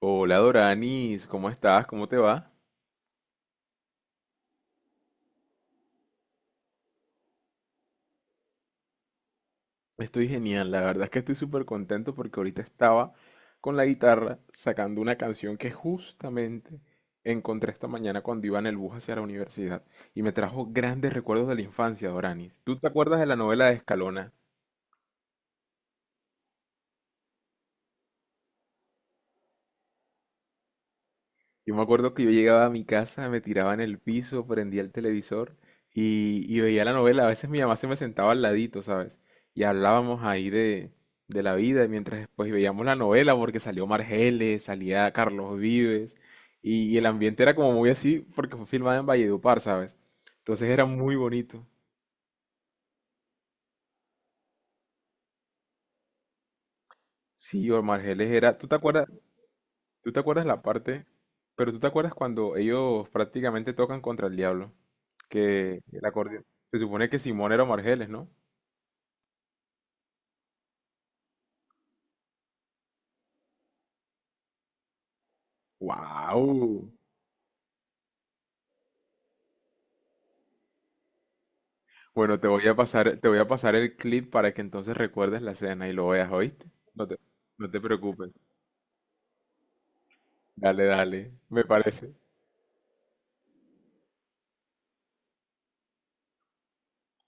Hola Doranis, ¿cómo estás? ¿Cómo te va? Estoy genial, la verdad es que estoy súper contento porque ahorita estaba con la guitarra sacando una canción que justamente encontré esta mañana cuando iba en el bus hacia la universidad y me trajo grandes recuerdos de la infancia, Doranis. ¿Tú te acuerdas de la novela de Escalona? Yo me acuerdo que yo llegaba a mi casa, me tiraba en el piso, prendía el televisor y veía la novela. A veces mi mamá se me sentaba al ladito, ¿sabes? Y hablábamos ahí de la vida, mientras después veíamos la novela, porque salió Margeles, salía Carlos Vives, y el ambiente era como muy así, porque fue filmada en Valledupar, ¿sabes? Entonces era muy bonito. Sí, o Margeles era... ¿Tú te acuerdas? ¿Tú te acuerdas la parte? Pero tú te acuerdas cuando ellos prácticamente tocan contra el diablo. Que el acordeón. Se supone que Simón era Margeles, ¿no? ¡Wow! Bueno, te voy a pasar, te voy a pasar el clip para que entonces recuerdes la escena y lo veas, ¿oíste? No te, no te preocupes. Dale, dale. Me parece.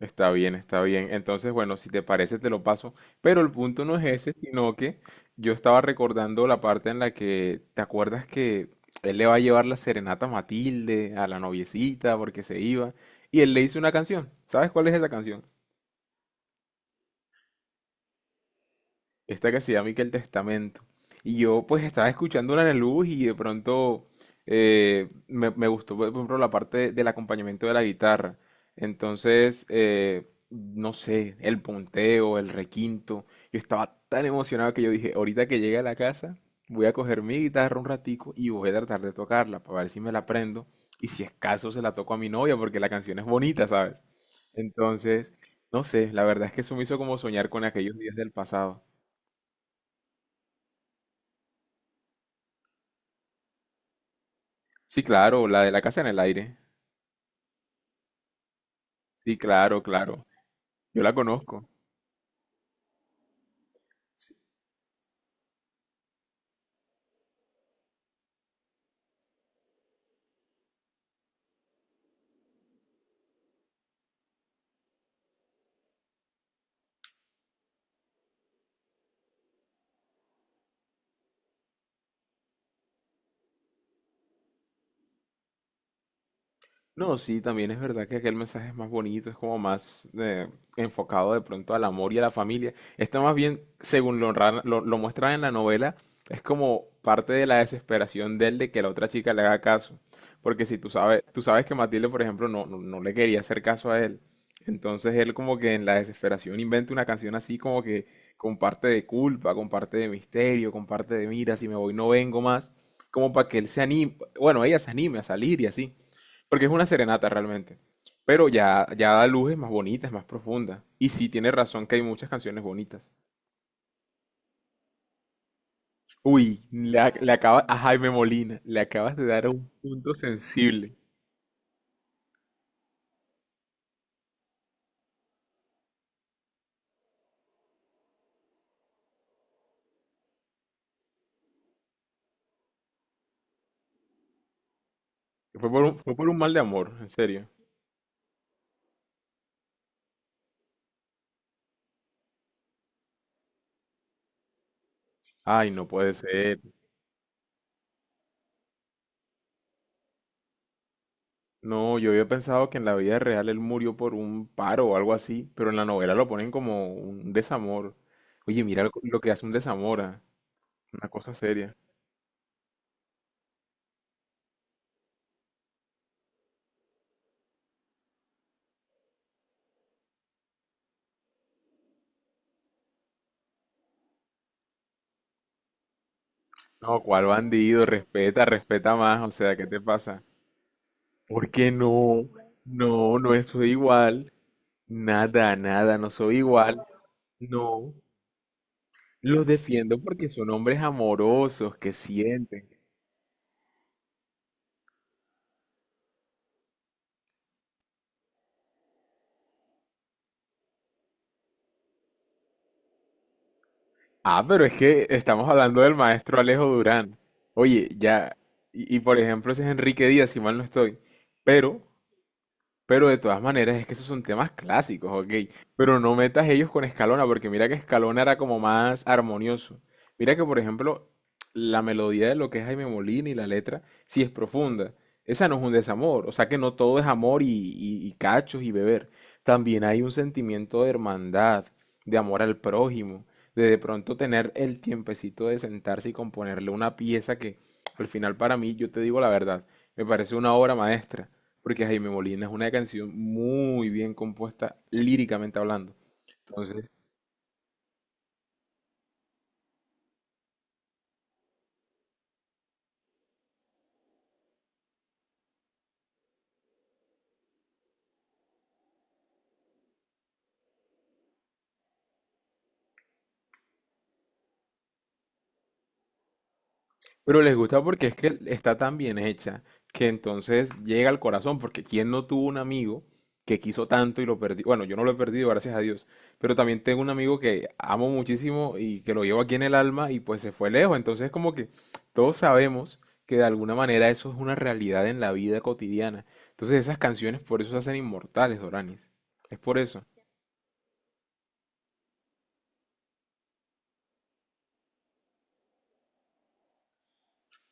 Está bien, está bien. Entonces, bueno, si te parece, te lo paso. Pero el punto no es ese, sino que yo estaba recordando la parte en la que, ¿te acuerdas que él le va a llevar la serenata a Matilde, a la noviecita, porque se iba? Y él le hizo una canción. ¿Sabes cuál es esa canción? Esta que se llama y que el Testamento. Y yo pues estaba escuchándola en el bus y de pronto me gustó, por ejemplo, la parte del acompañamiento de la guitarra. Entonces, no sé, el punteo, el requinto. Yo estaba tan emocionado que yo dije, ahorita que llegue a la casa, voy a coger mi guitarra un ratico y voy a tratar de tocarla para ver si me la aprendo. Y si es caso, se la toco a mi novia porque la canción es bonita, ¿sabes? Entonces, no sé, la verdad es que eso me hizo como soñar con aquellos días del pasado. Sí, claro, la de la casa en el aire. Sí, claro, claro. Yo la conozco. No, sí, también es verdad que aquel mensaje es más bonito, es como más enfocado de pronto al amor y a la familia. Está más bien, según lo muestran en la novela, es como parte de la desesperación de él de que la otra chica le haga caso. Porque si tú sabes, tú sabes que Matilde, por ejemplo, no le quería hacer caso a él. Entonces él como que en la desesperación inventa una canción así como que con parte de culpa, con parte de misterio, con parte de mira, si me voy no vengo más, como para que él se anime, bueno, ella se anime a salir y así. Porque es una serenata realmente. Pero ya da luces más bonitas, más profundas. Y sí tiene razón que hay muchas canciones bonitas. Uy, le acabas a Jaime Molina, le acabas de dar a un punto sensible. Fue por un mal de amor, en serio. Ay, no puede ser. No, yo había pensado que en la vida real él murió por un paro o algo así, pero en la novela lo ponen como un desamor. Oye, mira lo que hace un desamor, ah, una cosa seria. No, cuál bandido, respeta, respeta más, o sea, ¿qué te pasa? Porque no, no, no soy igual. Nada, nada, no soy igual. No. Los defiendo porque son hombres amorosos que sienten. Ah, pero es que estamos hablando del maestro Alejo Durán. Oye, ya. Y por ejemplo, ese es Enrique Díaz, si mal no estoy. Pero Pero de todas maneras, es que esos son temas clásicos, ok. Pero no metas ellos con Escalona, porque mira que Escalona era como más armonioso. Mira que, por ejemplo, la melodía de lo que es Jaime Molina y la letra, sí es profunda. Esa no es un desamor. O sea que no todo es amor y, y cachos y beber. También hay un sentimiento de hermandad, de amor al prójimo, de pronto tener el tiempecito de sentarse y componerle una pieza que al final para mí, yo te digo la verdad, me parece una obra maestra porque Jaime Molina es una canción muy bien compuesta líricamente hablando. Entonces, pero les gusta porque es que está tan bien hecha que entonces llega al corazón, porque ¿quién no tuvo un amigo que quiso tanto y lo perdió? Bueno, yo no lo he perdido, gracias a Dios, pero también tengo un amigo que amo muchísimo y que lo llevo aquí en el alma y pues se fue lejos, entonces como que todos sabemos que de alguna manera eso es una realidad en la vida cotidiana. Entonces esas canciones por eso se hacen inmortales, Doranis. Es por eso.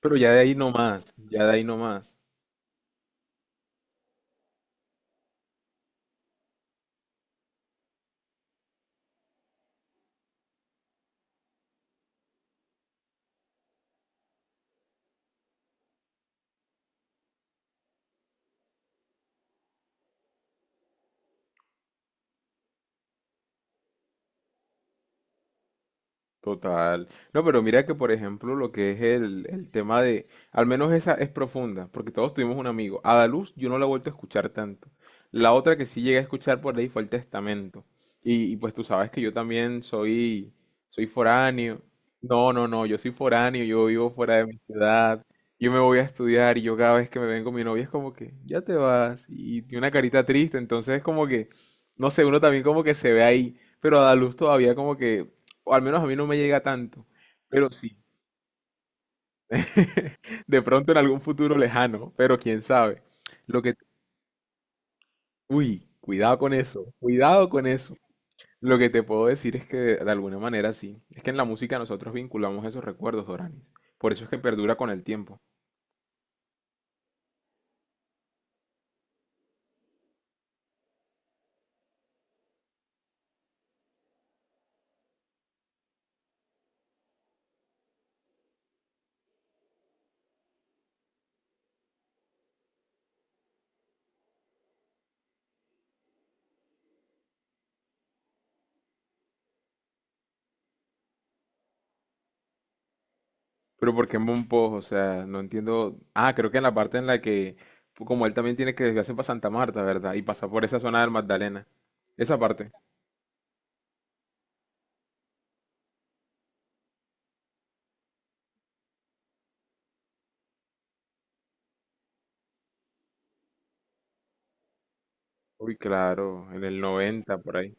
Pero ya de ahí no más, ya de ahí no más. Total. No, pero mira que, por ejemplo, lo que es el tema de, al menos esa es profunda, porque todos tuvimos un amigo. Adaluz yo no la he vuelto a escuchar tanto. La otra que sí llegué a escuchar por ahí fue el Testamento. Y pues tú sabes que yo también soy foráneo. No, no, no, yo soy foráneo, yo vivo fuera de mi ciudad, yo me voy a estudiar y yo cada vez que me vengo mi novia es como que, ya te vas, y tiene una carita triste, entonces es como que, no sé, uno también como que se ve ahí, pero Adaluz todavía como que o al menos a mí no me llega tanto. Pero sí, de pronto en algún futuro lejano, pero quién sabe. Lo que, uy, cuidado con eso, cuidado con eso. Lo que te puedo decir es que de alguna manera sí. Es que en la música nosotros vinculamos esos recuerdos, Doranis. Por eso es que perdura con el tiempo. Pero ¿por qué Monpós? O sea, no entiendo. Ah, creo que en la parte en la que, como él también tiene que desviarse para Santa Marta, ¿verdad? Y pasar por esa zona del Magdalena. Esa parte. Uy, claro, en el 90 por ahí.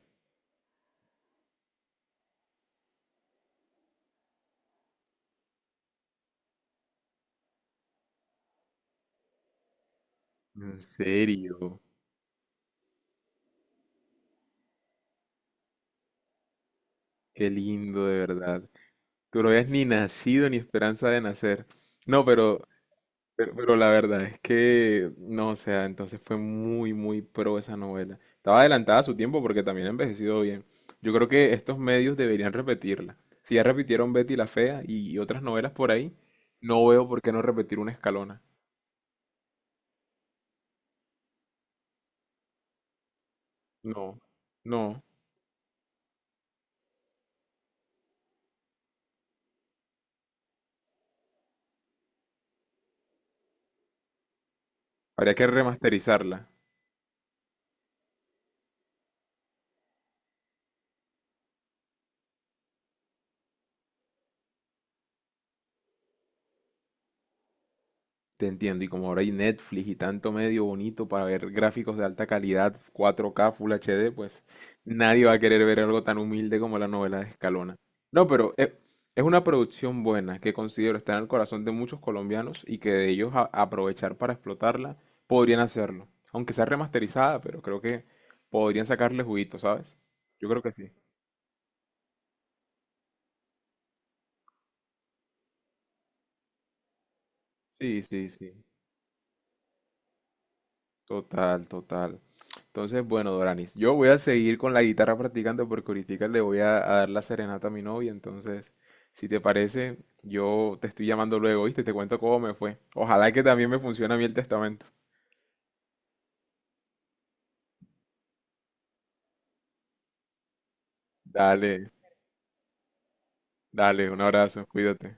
En serio. Qué lindo, de verdad. Tú no habías ni nacido ni esperanza de nacer. No, pero la verdad es que, no, o sea, entonces fue muy, muy pro esa novela. Estaba adelantada a su tiempo porque también ha envejecido bien. Yo creo que estos medios deberían repetirla. Si ya repitieron Betty la Fea y otras novelas por ahí, no veo por qué no repetir una Escalona. No, no. Habría que remasterizarla. Te entiendo, y como ahora hay Netflix y tanto medio bonito para ver gráficos de alta calidad, 4K, Full HD, pues nadie va a querer ver algo tan humilde como la novela de Escalona. No, pero es una producción buena que considero estar en el corazón de muchos colombianos y que de ellos aprovechar para explotarla podrían hacerlo. Aunque sea remasterizada, pero creo que podrían sacarle juguito, ¿sabes? Yo creo que sí. Sí, sí, sí. Total, total. Entonces, bueno, Doranis, yo voy a seguir con la guitarra practicando porque ahorita le a dar la serenata a mi novia. Entonces, si te parece, yo te estoy llamando luego, ¿viste? Te cuento cómo me fue. Ojalá que también me funcione a mí el testamento. Dale, dale, un abrazo, cuídate.